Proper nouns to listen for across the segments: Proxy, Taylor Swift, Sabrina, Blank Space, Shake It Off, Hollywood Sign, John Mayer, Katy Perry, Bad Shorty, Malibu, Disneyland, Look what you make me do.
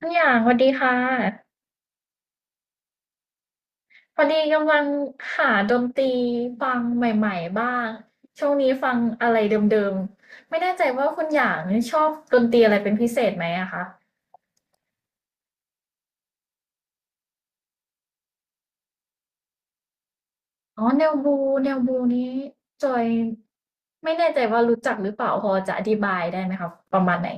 ทุกอย่างสวัสดีค่ะพอดีกำลังหาดนตรีฟังใหม่ๆบ้างช่วงนี้ฟังอะไรเดิมๆไม่แน่ใจว่าคุณอย่างชอบดนตรีอะไรเป็นพิเศษไหมอะคะอ๋อแนวบูแนวบูนี้จอยไม่แน่ใจว่ารู้จักหรือเปล่าพอจะอธิบายได้ไหมคะประมาณไหน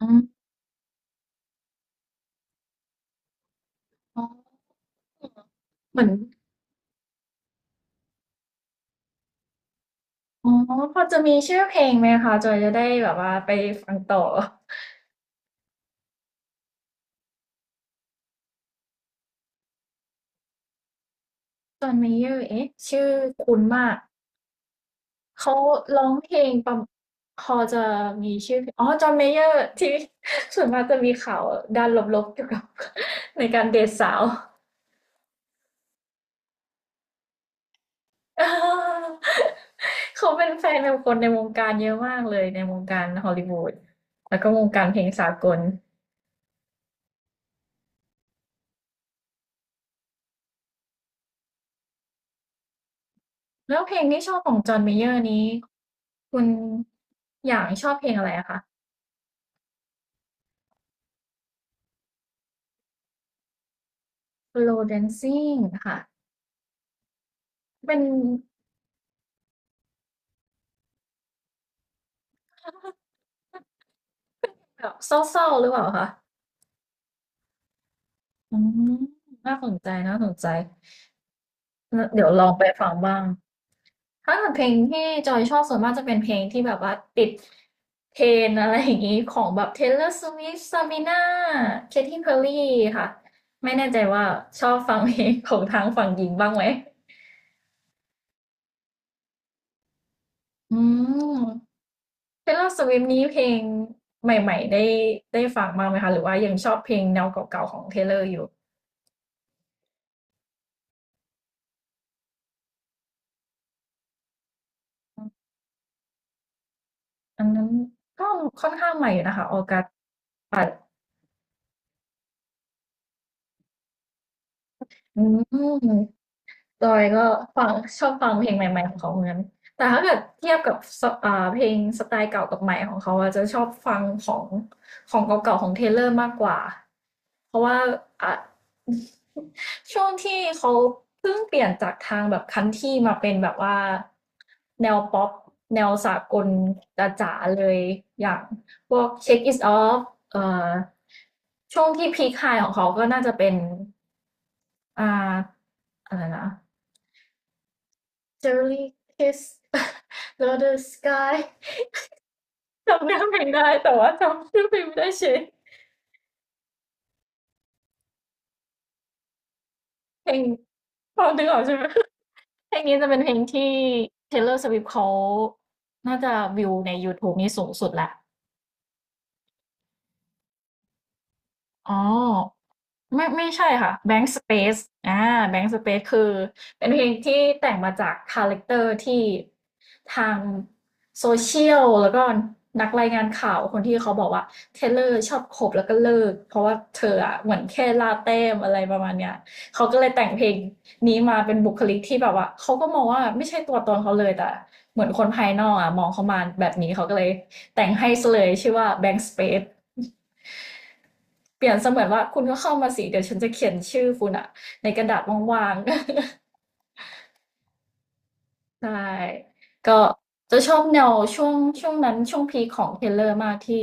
อืมอ๋อเหมือนอ๋อพอจะมีชื่อเพลงไหมคะจอยจะได้แบบว่าไปฟังต่อจอห์นเมเยอร์เอ๊ะชื่อคุ้นมาก เขาร้องเพลงประมพอจะมีชื่อเพลงอ๋อ John Mayer ที่ ส่วนมากจะมีข่าวด้านลบๆเกี่ยวกับ ในการเดทสาว เออเขาเป็นแฟนกับคนในวงการเยอะมากเลยในวงการฮอลลีวูดแล้วก็วงการเพลงสากล แล้วเพลงที่ชอบของจอห์นเมเยอร์นี้คุณอย่างชอบเพลงอะไรอะคะ Slow Dancing ค่ะ เป็นแบบเศร้าๆหรือเปล่าคะอืมน่าสนใจน่าสนใจ งั้นเดี๋ยวลองไปฟังบ้าง ถ้าเกิดเพลงที่จอยชอบส่วนมากจะเป็นเพลงที่แบบว่าติดเทรนด์อะไรอย่างนี้ของแบบ Taylor Swift Sabrina Katy Perry ค่ะ ไม่แน่ใจว่าชอบฟังเพลงของทางฝั่งหญิงบ้างไหมอืม Taylor Swift นี้เพลงใหม่ๆได้ได้ฟังบ้างไหมคะหรือว่ายังชอบเพลงแนวเก่าๆของ Taylor อยู่อันนั้นก็ค่อนข้างใหม่อยู่นะคะออกัสอืม จอยก็ฟังชอบฟังเพลงใหม่ๆของเขาเหมือนกันแต่ถ้าเกิดเทียบกับสเพลงสไตล์เก่ากับใหม่ของเขาอะจะชอบฟังของเก่าๆของเทเลอร์มากกว่า เพราะว่าอ่ะ ช่วงที่เขาเพิ่งเปลี่ยนจากทางแบบคันทรี่มาเป็นแบบว่าแนวป๊อปแนวสากลจ๋าๆเลยอย่างพวก Shake It Off เอ่อช่วงที่พีคไฮของเขาก็น่าจะเป็นอ่าอะไรนะ Cherry Kiss Another Sky จำเนื้อเพลงได้แต่ว่าจำชื่อเพลงไม่ได้เชยเพลงพอดึงออกใช่ไหม เพลงนี้จะเป็นเพลงที่ Taylor Swift เขาน่าจะวิวใน YouTube นี่สูงสุดแหละ อ๋อไม่ใช่ค่ะ Blank Space อ่า Blank Space คือเป็นเพลงที่แต่งมาจากคาแรคเตอร์ที่ทางโซเชียลแล้วก็นักรายงานข่าวคนที่เขาบอกว่าเทเลอร์ชอบขบแล้วก็เลิกเพราะว่าเธออะเหมือนแค่ลาเต้มอะไรประมาณเนี้ยเขาก็เลยแต่งเพลงนี้มาเป็นบุคลิกที่แบบว่าเขาก็มองว่าไม่ใช่ตัวตนเขาเลยแต่เหมือนคนภายนอกอะมองเขามาแบบนี้เขาก็เลยแต่งให้ซะเลยชื่อว่า Blank Space เปลี่ยนเสมือนว่าคุณก็เข้ามาสิเดี๋ยวฉันจะเขียนชื่อคุณอะในกระดาษว่างๆ ใช่ ก็จะชอบแนวช่วงนั้นช่วงพีคของเทเลอร์มากที่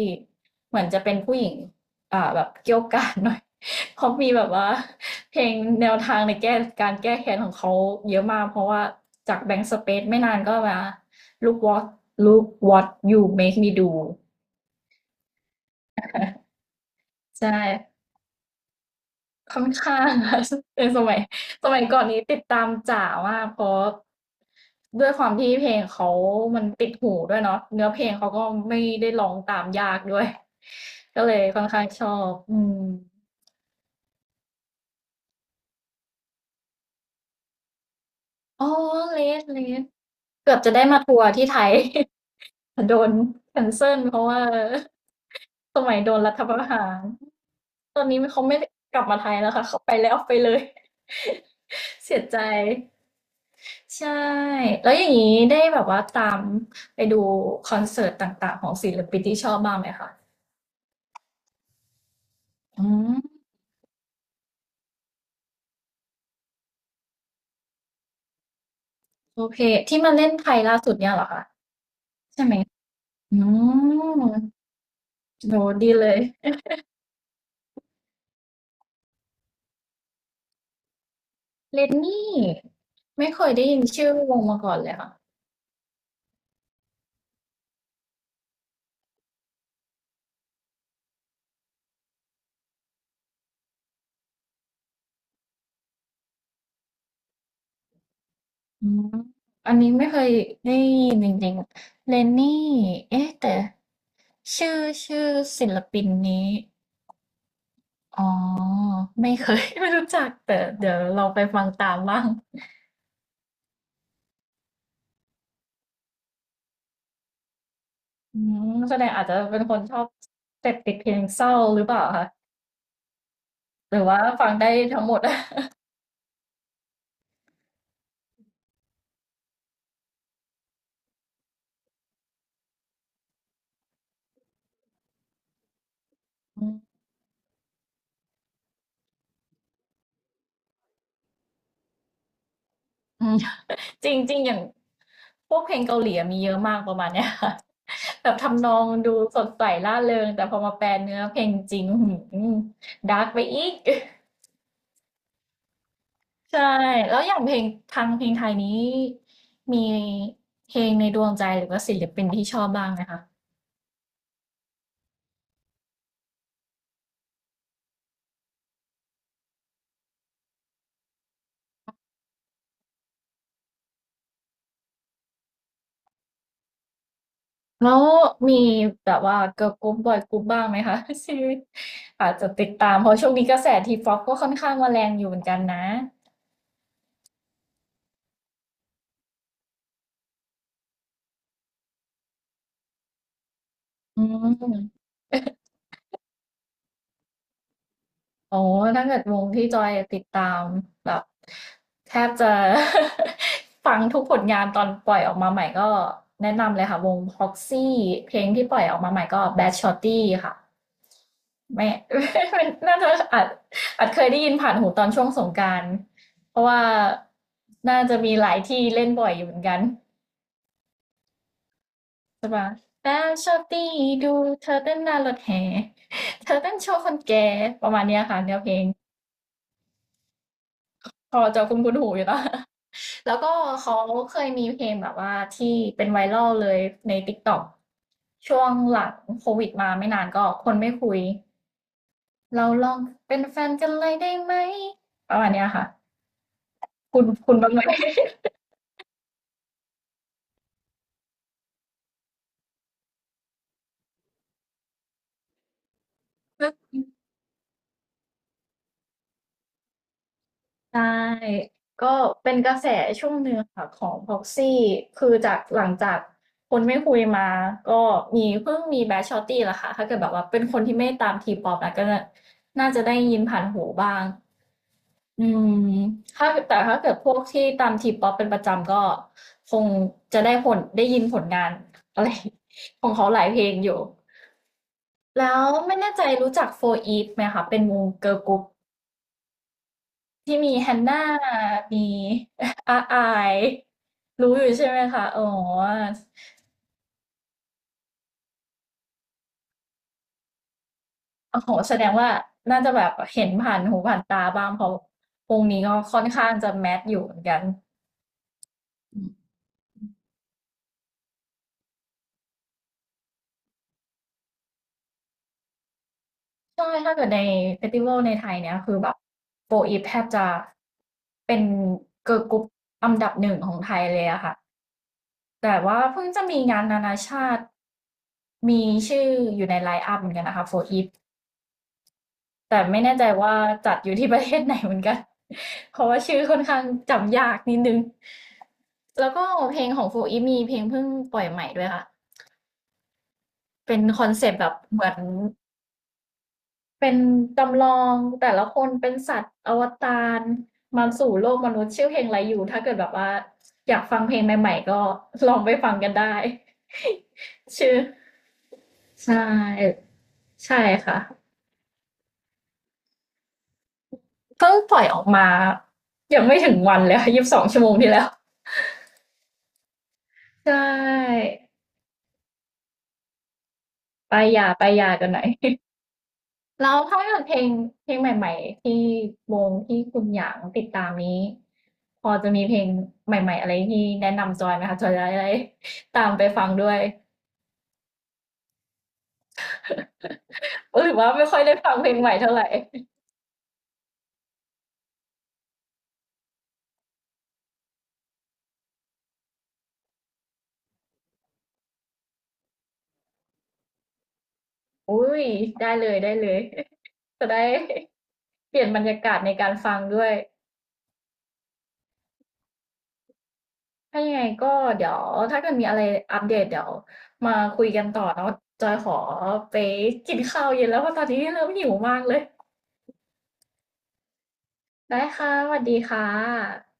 เหมือนจะเป็นผู้หญิงแบบเกี่ยวกาดหน่อย เขาะมีแบบว่าเพลงแนวทางในแก้การแก้แค้นของเขาเยอะมากเพราะว่าจากแบงค์สเปซไม่นานก็มา Look what Look what you make me do ใช่ ค่อนข้าง ค่ะ เนสมัยก่อนนี้ติดตามจ๋ามากเพราะด้วยความที่เพลงเขามันติดหูด้วยเนาะเนื้อเพลงเขาก็ไม่ได้ร้องตามยากด้วยก็เลยค่อนข้างชอบอืมอ๋อเลสเลสเกือบจะได้มาทัวร์ที่ไทย แต่โดนแคนเซิลเพราะว่าสมัยโดนรัฐประหารตอนนี้เขาไม่กลับมาไทยแล้วค่ะเขาไปแล้วไปเลย เสียใจ ใช่แล้วอย่างนี้ได้แบบว่าตามไปดูคอนเสิร์ตต่างๆของศิลปินที่ชอบบ้างไหมคะอืมโอเคที่มาเล่นไทยล่าสุดเนี่ยเหรอคะใช่ไหมอืมโหดีเลยเลนนี่ไม่เคยได้ยินชื่อวงมาก่อนเลยค่ะอืมอันนี้ไม่เคยได้ยินจริงๆเลนนี่เอ๊ะแต่ชื่อชื่อศิลปินนี้อ๋อไม่เคย ไม่รู้จักแต่เดี๋ยวเราไปฟังตามบ้าง อืมแสดงอาจจะเป็นคนชอบเสพติดเพลงเศร้าหรือเปล่าคะหรือว่าฟังได้ทั้งหมด อืมอืม จริงๆอย่างพวกเพลงเกาหลีอะมีเยอะมากประมาณเนี้ยค่ะ แบบทำนองดูสดใสร่าเริงแต่พอมาแปลเนื้อเพลงจริงดาร์กไปอีก ใช่แล้วอย่างเพลงทางเพลงไทยนี้มีเพลงในดวงใจหรือว่าศิลปินที่ชอบบ้างไหมคะ แล้วมีแบบว่าเกิร์ลกรุ๊ปบอยกรุ๊ปบ้างไหมคะ ชีวิตอาจจะติดตามเพราะช่วงนี้กระแสทีป๊อปก็ค่อนข้างมาแรงอยู่เหมือนกันนะอืมโอ้ถ้าเกิดวงที่จอยติดตามแบบแทบจะ ฟังทุกผลงานตอนปล่อยออกมาใหม่ก็แนะนำเลยค่ะวง Proxy เพลงที่ปล่อยออกมาใหม่ก็ Bad Shorty ค่ะ แม่ น่าจะอาจเคยได้ยินผ่านหูตอนช่วงสงกรานต์เพราะว่าน่าจะมีหลายที่เล่นบ่อยอยู่เหมือนกันใช่ปะแล้ชอบตีดูเธอเต้นหน้ารถแห่ เธอเต้นโชว์คนแก่ประมาณเนี้ยค่ะแนวเพลง พอจะคุ้นคุ้นหูอยู่แล้ว แล้วก็เขาเคยมีเพลงแบบว่าที่เป็นไวรัลเลยใน TikTok ช่วงหลังโควิดมาไม่นานก็คนไม่คุย เราลองเป็นแฟนกันเลยได้ไหมประมาณเนี้ยค่ะ คุณคุณบ้างไหม ใช่ก็เป็นกระแสช่วงหนึ่งค่ะของ Proxy คือจากหลังจากคนไม่คุยมาก็มีเพิ่งมีแบทชอตตี้ละค่ะถ้าเกิดแบบว่าเป็นคนที่ไม่ตามทีป๊อปนะก็น่าจะได้ยินผ่านหูบ้างอืมถ้าแต่ถ้าเกิดพวกที่ตามทีป๊อปเป็นประจำก็คงจะได้ผลได้ยินผลงานอะไร ของเขาหลายเพลงอยู่แล้วไม่แน่ใจรู้จัก4 e ีฟไหมคะเป็นวงเกิร์ลกรุ๊ป ที่มีแฮันน่ามี อาอายรู้อยู่ใช่ไหมคะอ๋อโอ้โหแสดงว่าน่าจะแบบเห็นผ่านหูผ่านตาบ้างเพราะวงนี้ก็ค่อนข้างจะแมสอยู่เหมือนกันอืมใช่ถ้าเกิดในเฟสติวัลในไทยเนี่ยคือแบบโฟอีฟแทบจะเป็น Girl กรลกรุ๊ปอันดับหนึ่งของไทยเลยอะค่ะแต่ว่าเพิ่งจะมีงานนานาชาติมีชื่ออยู่ในไลน์อัพเหมือนกันนะคะโฟอีฟ แต่ไม่แน่ใจว่าจัดอยู่ที่ประเทศไหนเหมือนกัน เพราะว่าชื่อค่อนข้างจำยากนิดนึงแล้วก็เพลงของโฟอีฟมีเพลงเพิ่งปล่อยใหม่ด้วยค่ะเป็นคอนเซปต์แบบเหมือนเป็นจำลองแต่ละคนเป็นสัตว์อวตารมาสู่โลกมนุษย์ชื่อเพลงไรอยู่ถ้าเกิดแบบว่าอยากฟังเพลงใหม่ๆก็ลองไปฟังกันได้ ชื่อใช่ใช่ค่ะเพิ่งปล่อยออกมายังไม่ถึงวันเลยค่ะ22 ชั่วโมงที่แล้ว ใช่ไปหย่าไปหย่ากันหน่อย แล้วถ้าเกิดเพลงเพลงใหม่ๆที่วงที่คุณหยางติดตามนี้พอจะมีเพลงใหม่ๆอะไรที่แนะนำจอยไหมคะจอยจะได้ตามไปฟังด้วยหรือว่าไม่ค่อยได้ฟังเพลงใหม่เท่าไหร่อุ้ยได้เลยได้เลยจะได้เปลี่ยนบรรยากาศในการฟังด้วยถ้ายังไงก็เดี๋ยวถ้าเกิดมีอะไรอัปเดตเดี๋ยวมาคุยกันต่อเนาะจอยขอไปกินข้าวเย็นแล้วเพราะตอนนี้เริ่มหิวมากเลย ได้ค่ะสวัสดีค่ะ